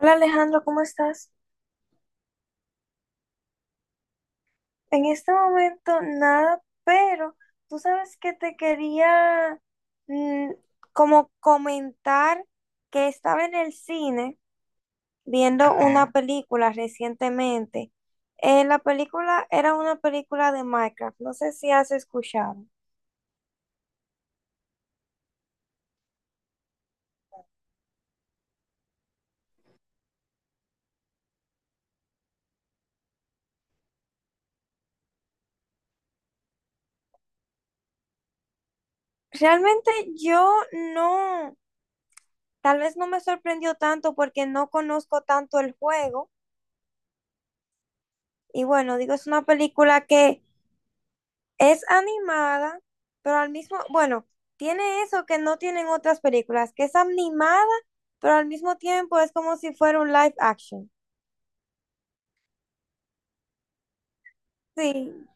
Hola Alejandro, ¿cómo estás? En este momento nada, pero tú sabes que te quería mm, como comentar que estaba en el cine viendo una película recientemente. La película era una película de Minecraft, no sé si has escuchado. Realmente yo no, tal vez no me sorprendió tanto porque no conozco tanto el juego. Y bueno, digo, es una película que es animada, pero al mismo, bueno, tiene eso que no tienen otras películas, que es animada, pero al mismo tiempo es como si fuera un live action. Sí,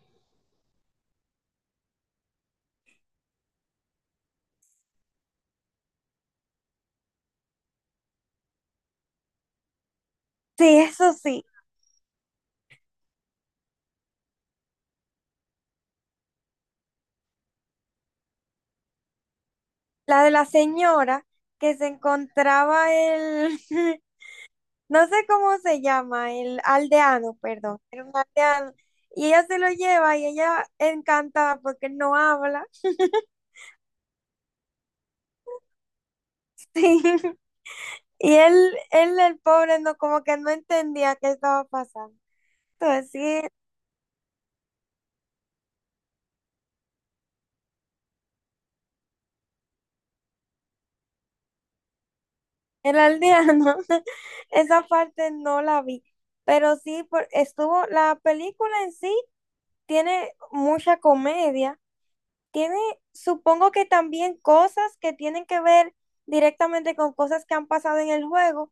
sí, eso sí. La de la señora que se encontraba el, no sé cómo se llama, el aldeano, perdón, era un aldeano. Y ella se lo lleva y ella encantada porque él no habla. Sí. Y el pobre, no, como que no entendía qué estaba pasando. Entonces, sí, el aldeano, esa parte no la vi, pero sí estuvo, la película en sí tiene mucha comedia, tiene, supongo que también cosas que tienen que ver directamente con cosas que han pasado en el juego,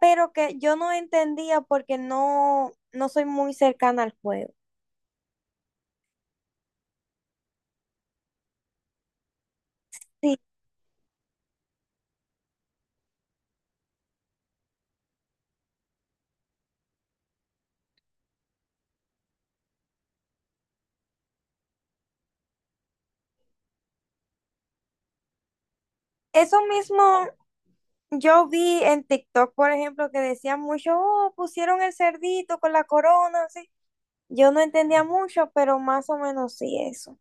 pero que yo no entendía porque no soy muy cercana al juego. Sí, eso mismo yo vi en TikTok, por ejemplo, que decían mucho, oh, pusieron el cerdito con la corona, así. Yo no entendía mucho, pero más o menos sí eso.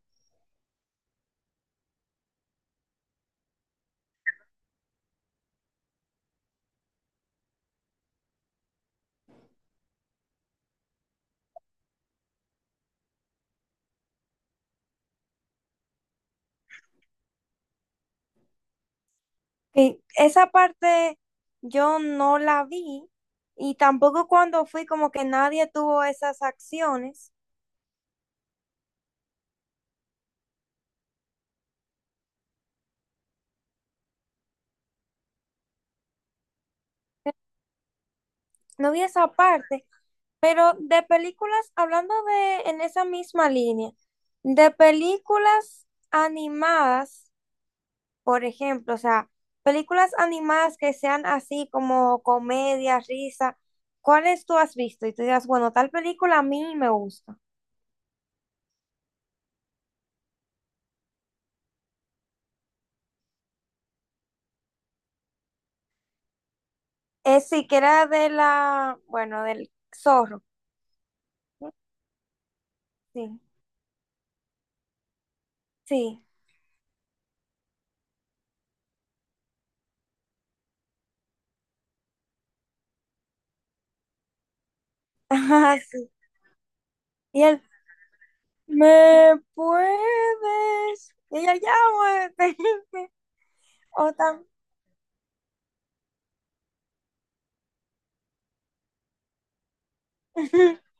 Y esa parte yo no la vi y tampoco cuando fui como que nadie tuvo esas acciones. No vi esa parte, pero de películas, hablando de en esa misma línea, de películas animadas, por ejemplo, o sea, películas animadas que sean así como comedia, risa, ¿cuáles tú has visto? Y tú digas, bueno, tal película a mí me gusta. Sí, que era de la, bueno, del zorro. Sí, sí. Ajá, sí. Y él, ¿me puedes? Y ella, ya, muévete". O tam-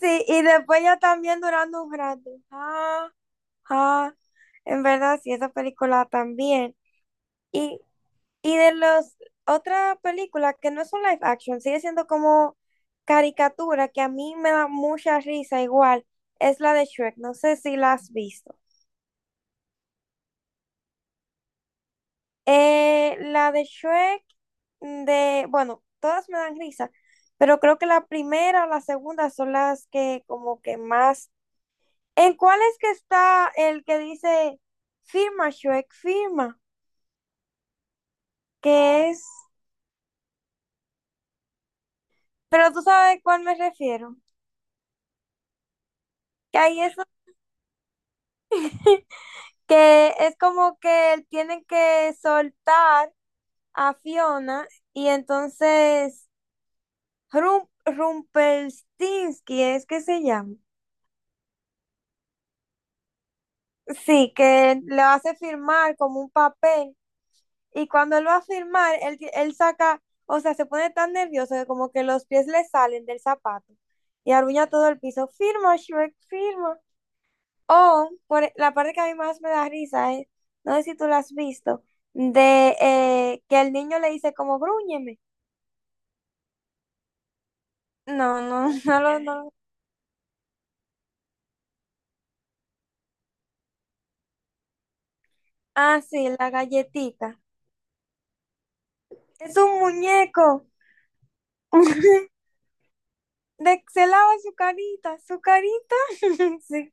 Sí, y después ya también durando un rato. Ah, ah. En verdad, sí, esa película también. Y, y de las otras películas que no son live action, sigue siendo como caricatura, que a mí me da mucha risa igual, es la de Shrek. No sé si la has visto. La de Shrek, de, bueno, todas me dan risa, pero creo que la primera o la segunda son las que como que más... ¿En cuál es que está el que dice firma Shrek, firma? Que es... Pero tú sabes a cuál me refiero. Que ahí es que es como que tienen que soltar a Fiona y entonces Rumpelstiltskin es que se llama. Sí, que lo hace firmar como un papel y cuando él va a firmar, él saca, o sea, se pone tan nervioso que como que los pies le salen del zapato y arruña todo el piso. Firma, Shrek, firma. La parte que a mí más me da risa es, no sé si tú la has visto, de que el niño le dice como grúñeme. No, no, no lo, no lo- Ah, sí, la galletita. Es un muñeco. De, se lava su carita, su carita. Sí.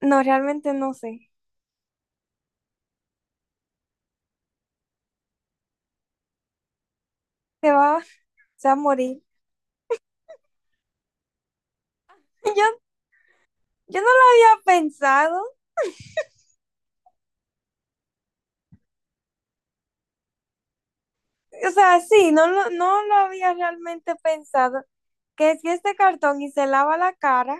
No, realmente no sé. Se va, se va a morir. Yo, yo no lo había pensado. O sea, sí, no lo había realmente pensado. Que si este cartón y se lava la cara,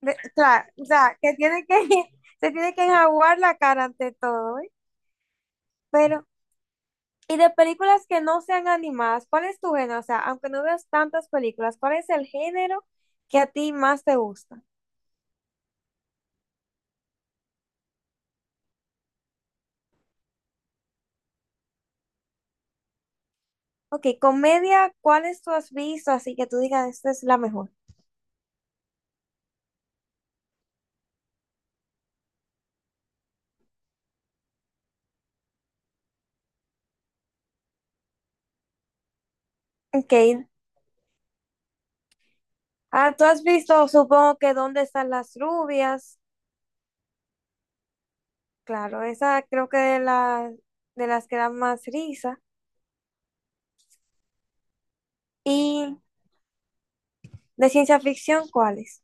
claro, o sea, que tiene que, se tiene que enjaguar la cara ante todo, ¿eh? Pero, y de películas que no sean animadas, ¿cuál es tu género? O sea, aunque no veas tantas películas, ¿cuál es el género que a ti más te gusta? Ok, comedia, ¿cuáles tú has visto así que tú digas, esta es la mejor? Ok, ah, tú has visto, supongo que ¿Dónde están las rubias? Claro, esa creo que de, la, de las que dan más risa. ¿Y de ciencia ficción cuáles?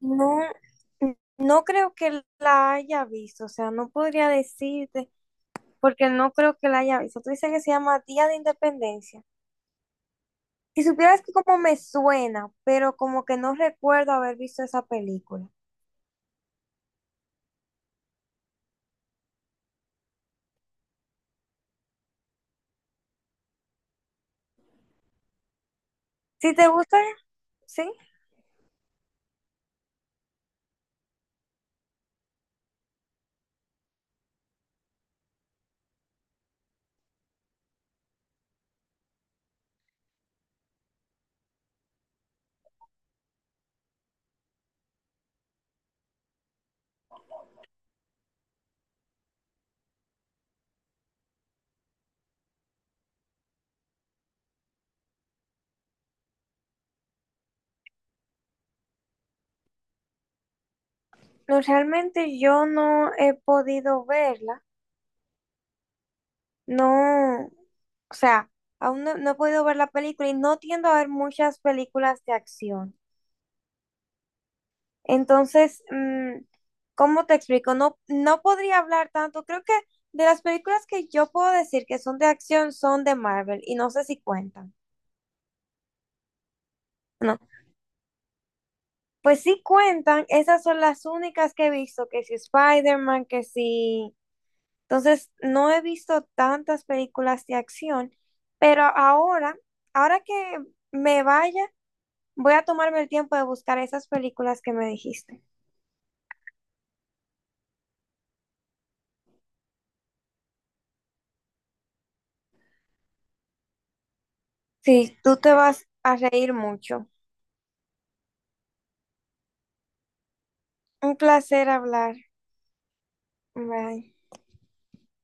No, no creo que la haya visto, o sea, no podría decirte, porque no creo que la haya visto. Tú dices que se llama Día de Independencia. Si supieras que como me suena, pero como que no recuerdo haber visto esa película. Si te gusta, sí. No, realmente yo no he podido verla. No, o sea, aún no, no he podido ver la película y no tiendo a ver muchas películas de acción. Entonces, ¿cómo te explico? No, no podría hablar tanto. Creo que de las películas que yo puedo decir que son de acción son de Marvel y no sé si cuentan. No, pues sí cuentan. Esas son las únicas que he visto, que si Spider-Man, que si... Entonces, no he visto tantas películas de acción, pero ahora que me vaya. Voy a tomarme el tiempo de buscar esas películas que me dijiste. Sí, tú te vas a reír mucho. Un placer hablar. Bye.